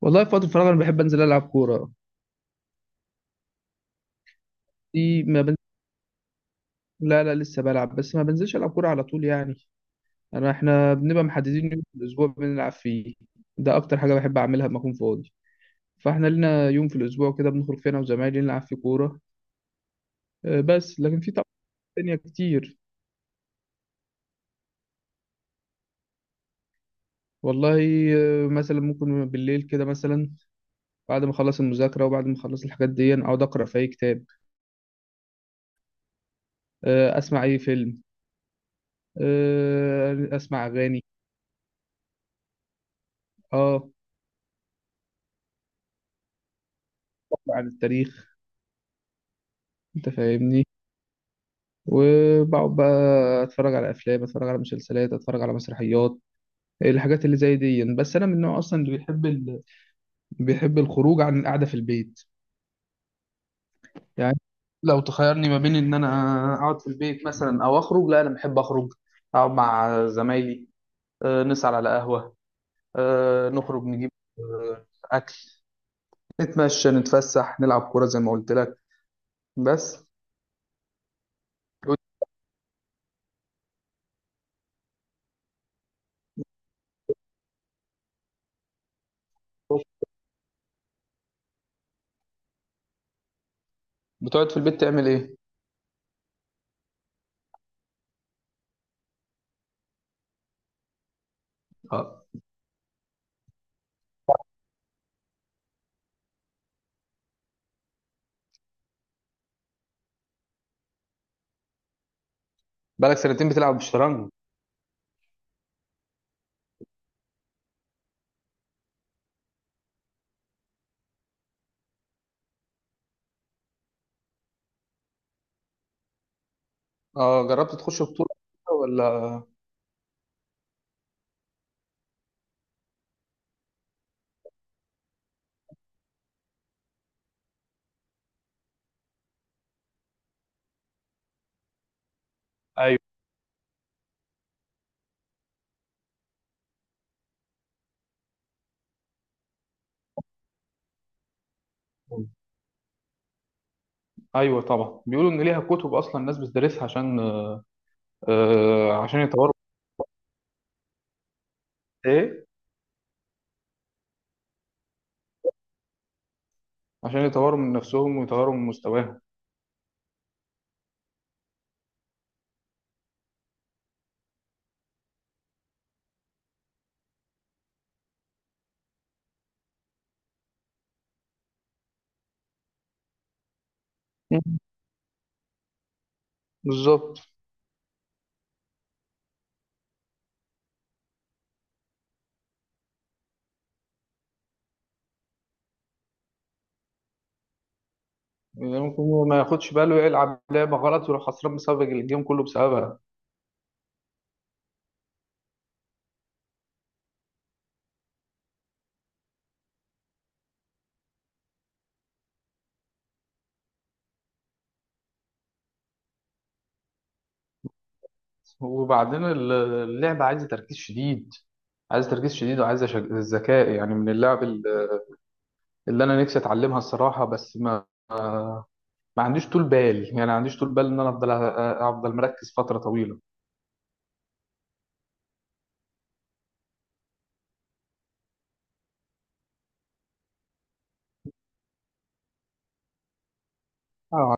والله، في وقت الفراغ انا بحب انزل العب كوره. دي ما بنزل. لا لا، لسه بلعب، بس ما بنزلش العب كوره على طول، يعني. احنا بنبقى محددين يوم في الاسبوع بنلعب فيه. ده اكتر حاجه بحب اعملها لما اكون فاضي. فاحنا لنا يوم في الاسبوع كده بنخرج فيه انا وزمايلي نلعب فيه كوره. بس لكن في طبعا تانية كتير. والله، مثلا ممكن بالليل كده مثلا، بعد ما اخلص المذاكره وبعد ما اخلص الحاجات دي اقعد اقرا في اي كتاب. اسمع اي فيلم. اسمع اغاني. اه، أقرأ عن التاريخ. انت فاهمني. وبقعد بقى اتفرج على افلام، اتفرج على مسلسلات، اتفرج على مسرحيات، الحاجات اللي زي دي. بس انا من النوع اصلا اللي بيحب بيحب الخروج عن القعده في البيت، يعني. لو تخيرني ما بين ان انا اقعد في البيت مثلا او اخرج، لا انا بحب اخرج، اقعد مع زمايلي. نسهر على قهوه. نخرج نجيب آه، اكل، نتمشى نتفسح نلعب كوره زي ما قلت لك. بس. بتقعد في البيت تعمل ايه؟ اه. بقالك سنتين بتلعب بالشطرنج؟ اه، جربت تخش بطولة ولا؟ ايوه، ايوه، طبعا بيقولوا ان ليها كتب اصلا الناس بتدرسها عشان يطوروا. ايه، عشان يطوروا من نفسهم ويطوروا من مستواهم. مم. بالظبط. يعني ممكن هو ما ياخدش باله، يلعب لعبة غلط ويروح خسران بسبب الجيم كله بسببها. وبعدين اللعبة عايزة تركيز شديد، عايزة تركيز شديد وعايزة ذكاء، يعني من اللعب اللي انا نفسي اتعلمها الصراحة. بس ما عنديش طول بال، يعني ما عنديش طول بال ان انا افضل افضل مركز فترة طويلة. اه.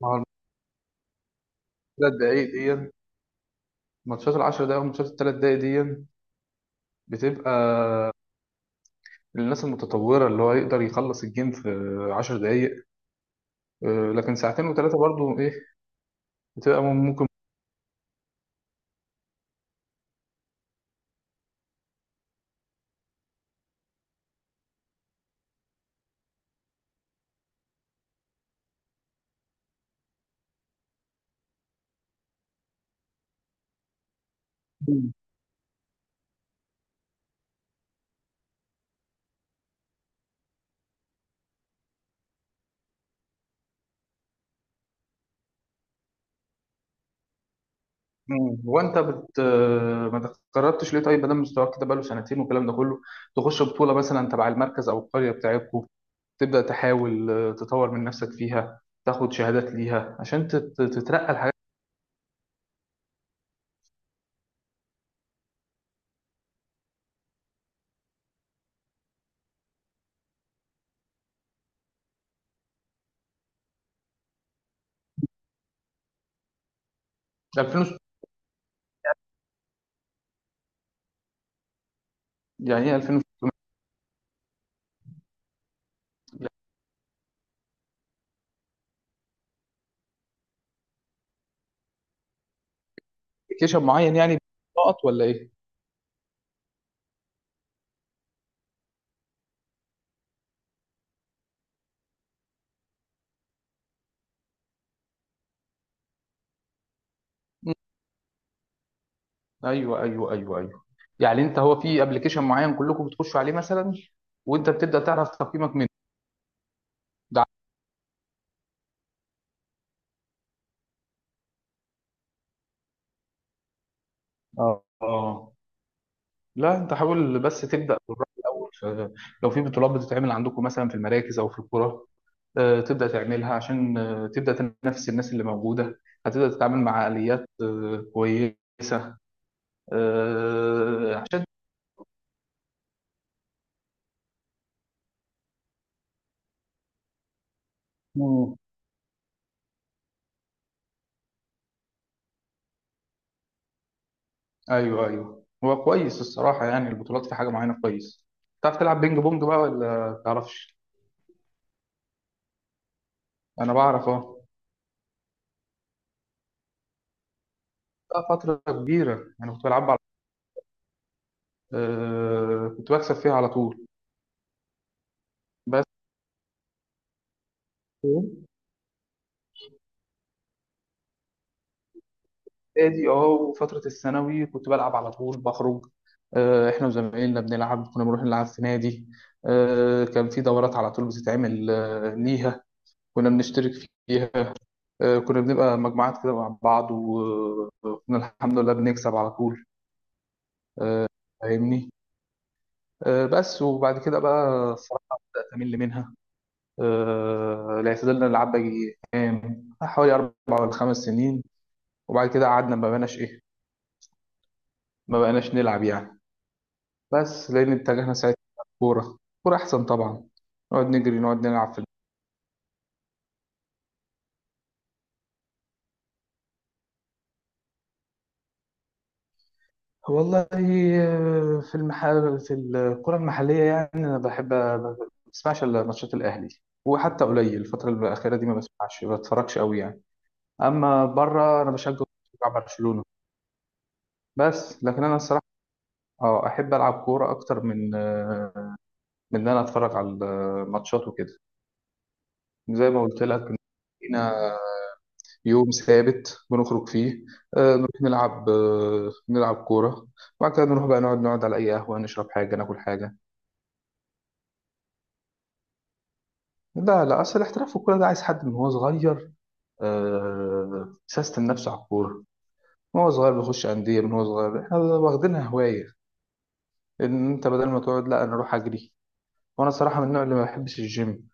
ما هو الثلاث دقايق دي، ماتشات العشر دقايق والماتشات الثلاث دقايق دي بتبقى للناس المتطورة اللي هو يقدر يخلص الجيم في 10 دقايق. لكن ساعتين وثلاثة برضو ايه، بتبقى ممكن. مم. وانت بت آه، ما تقربتش ليه طيب، مادام مستواك كده بقاله سنتين والكلام ده كله، تخش بطولة مثلا تبع المركز او القرية بتاعتكم، تبدأ تحاول تطور من نفسك فيها، تاخد شهادات ليها عشان تترقى الحاجات. 2000. يعني ايه 2000؟ ابلكيشن معين يعني، نقط ولا ايه؟ ايوه، ايوه، ايوه، ايوه. يعني انت، هو في ابلكيشن معين كلكم بتخشوا عليه مثلا، وانت بتبدا تعرف تقييمك منه؟ ده اه، اه. لا انت حاول بس تبدا بالراي الاول لو في بطولات بتتعمل عندكم مثلا في المراكز او في القرى، تبدا تعملها عشان تبدا تنافس الناس اللي موجوده. هتبدا تتعامل مع اليات كويسه، عشان. مم. ايوه، ايوه، هو كويس الصراحه. يعني البطولات في حاجه معينه كويس. تعرف تلعب بينج بونج بقى ولا تعرفش؟ انا بعرف، اه. بقى فتره كبيره انا كنت بلعب على، كنت بكسب فيها على طول. بس ادي اه، وفتره الثانوي كنت بلعب على طول، بخرج. احنا وزمايلنا بنلعب، كنا بنروح نلعب في نادي. كان في دورات على طول بتتعمل ليها، كنا بنشترك فيها. كنا بنبقى مجموعات كده مع بعض، وكنا الحمد لله بنكسب على طول. آه، فاهمني. بس، وبعد كده بقى الصراحه بقيت أمل منها. الاعتدال ده نلعب بقى كام، حوالي 4 ولا 5 سنين، وبعد كده قعدنا ما بقناش ايه، ما بقناش نلعب يعني. بس لان اتجهنا ساعتها كوره. كوره احسن طبعا، نقعد نجري، نقعد نلعب في. والله، في المحل، في الكرة المحلية يعني، أنا بحب ما بسمعش إلا ماتشات الأهلي، وحتى قليل الفترة الأخيرة دي ما بسمعش ما بتفرجش قوي يعني. أما بره أنا بشجع برشلونة. بس لكن أنا الصراحة، أحب ألعب كورة أكتر من ان انا اتفرج على الماتشات وكده، زي ما قلت لك إن لينا يوم ثابت بنخرج فيه، نروح نلعب كوره، وبعد كده نروح بقى نقعد على اي قهوه، نشرب حاجه، ناكل حاجه. لا، لا، اصل الاحتراف في الكوره ده عايز حد من هو صغير سيستم نفسه على الكوره، من هو صغير بيخش انديه، من هو صغير. احنا واخدينها هوايه، ان انت بدل ما تقعد لا، انا اروح اجري. وانا صراحه من النوع اللي ما بحبش الجيم.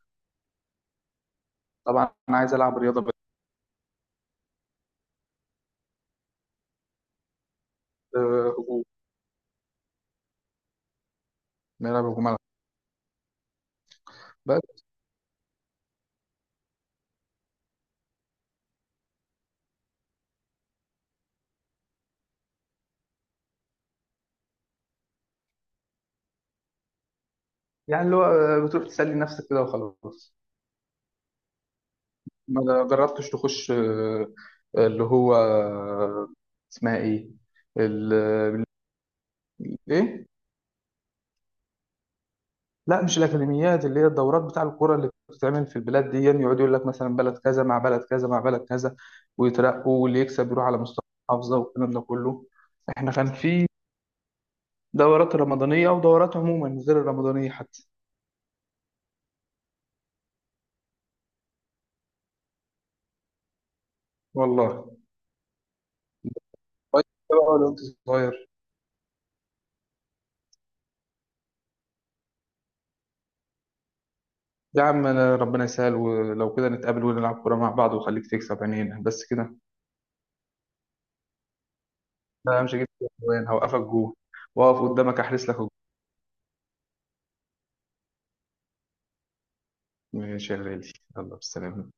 طبعا انا عايز العب رياضه بس. هجوم. نلعب هجوم على. يعني اللي هو بتروح تسلي نفسك كده وخلاص. ما جربتش تخش اللي هو اسمها ايه؟ ال- ايه. لا مش الاكاديميات، اللي هي الدورات بتاع الكوره اللي بتتعمل في البلاد دي، يقعد يقول لك مثلا بلد كذا مع بلد كذا مع بلد كذا، ويترقوا واللي يكسب يروح على مستوى المحافظه والكلام ده كله. احنا كان في دورات رمضانيه ودورات عموما غير الرمضانيه حتى. والله، كويس بقى لو انت صغير. يا عم، أنا ربنا يسهل ولو كده نتقابل ونلعب كورة مع بعض، وخليك تكسب عينينا بس كده. أنا مش هجيب جوان، هوقفك جوه، وأقف قدامك أحرس لك الجون. ماشي يا غالي، يلا بالسلامة.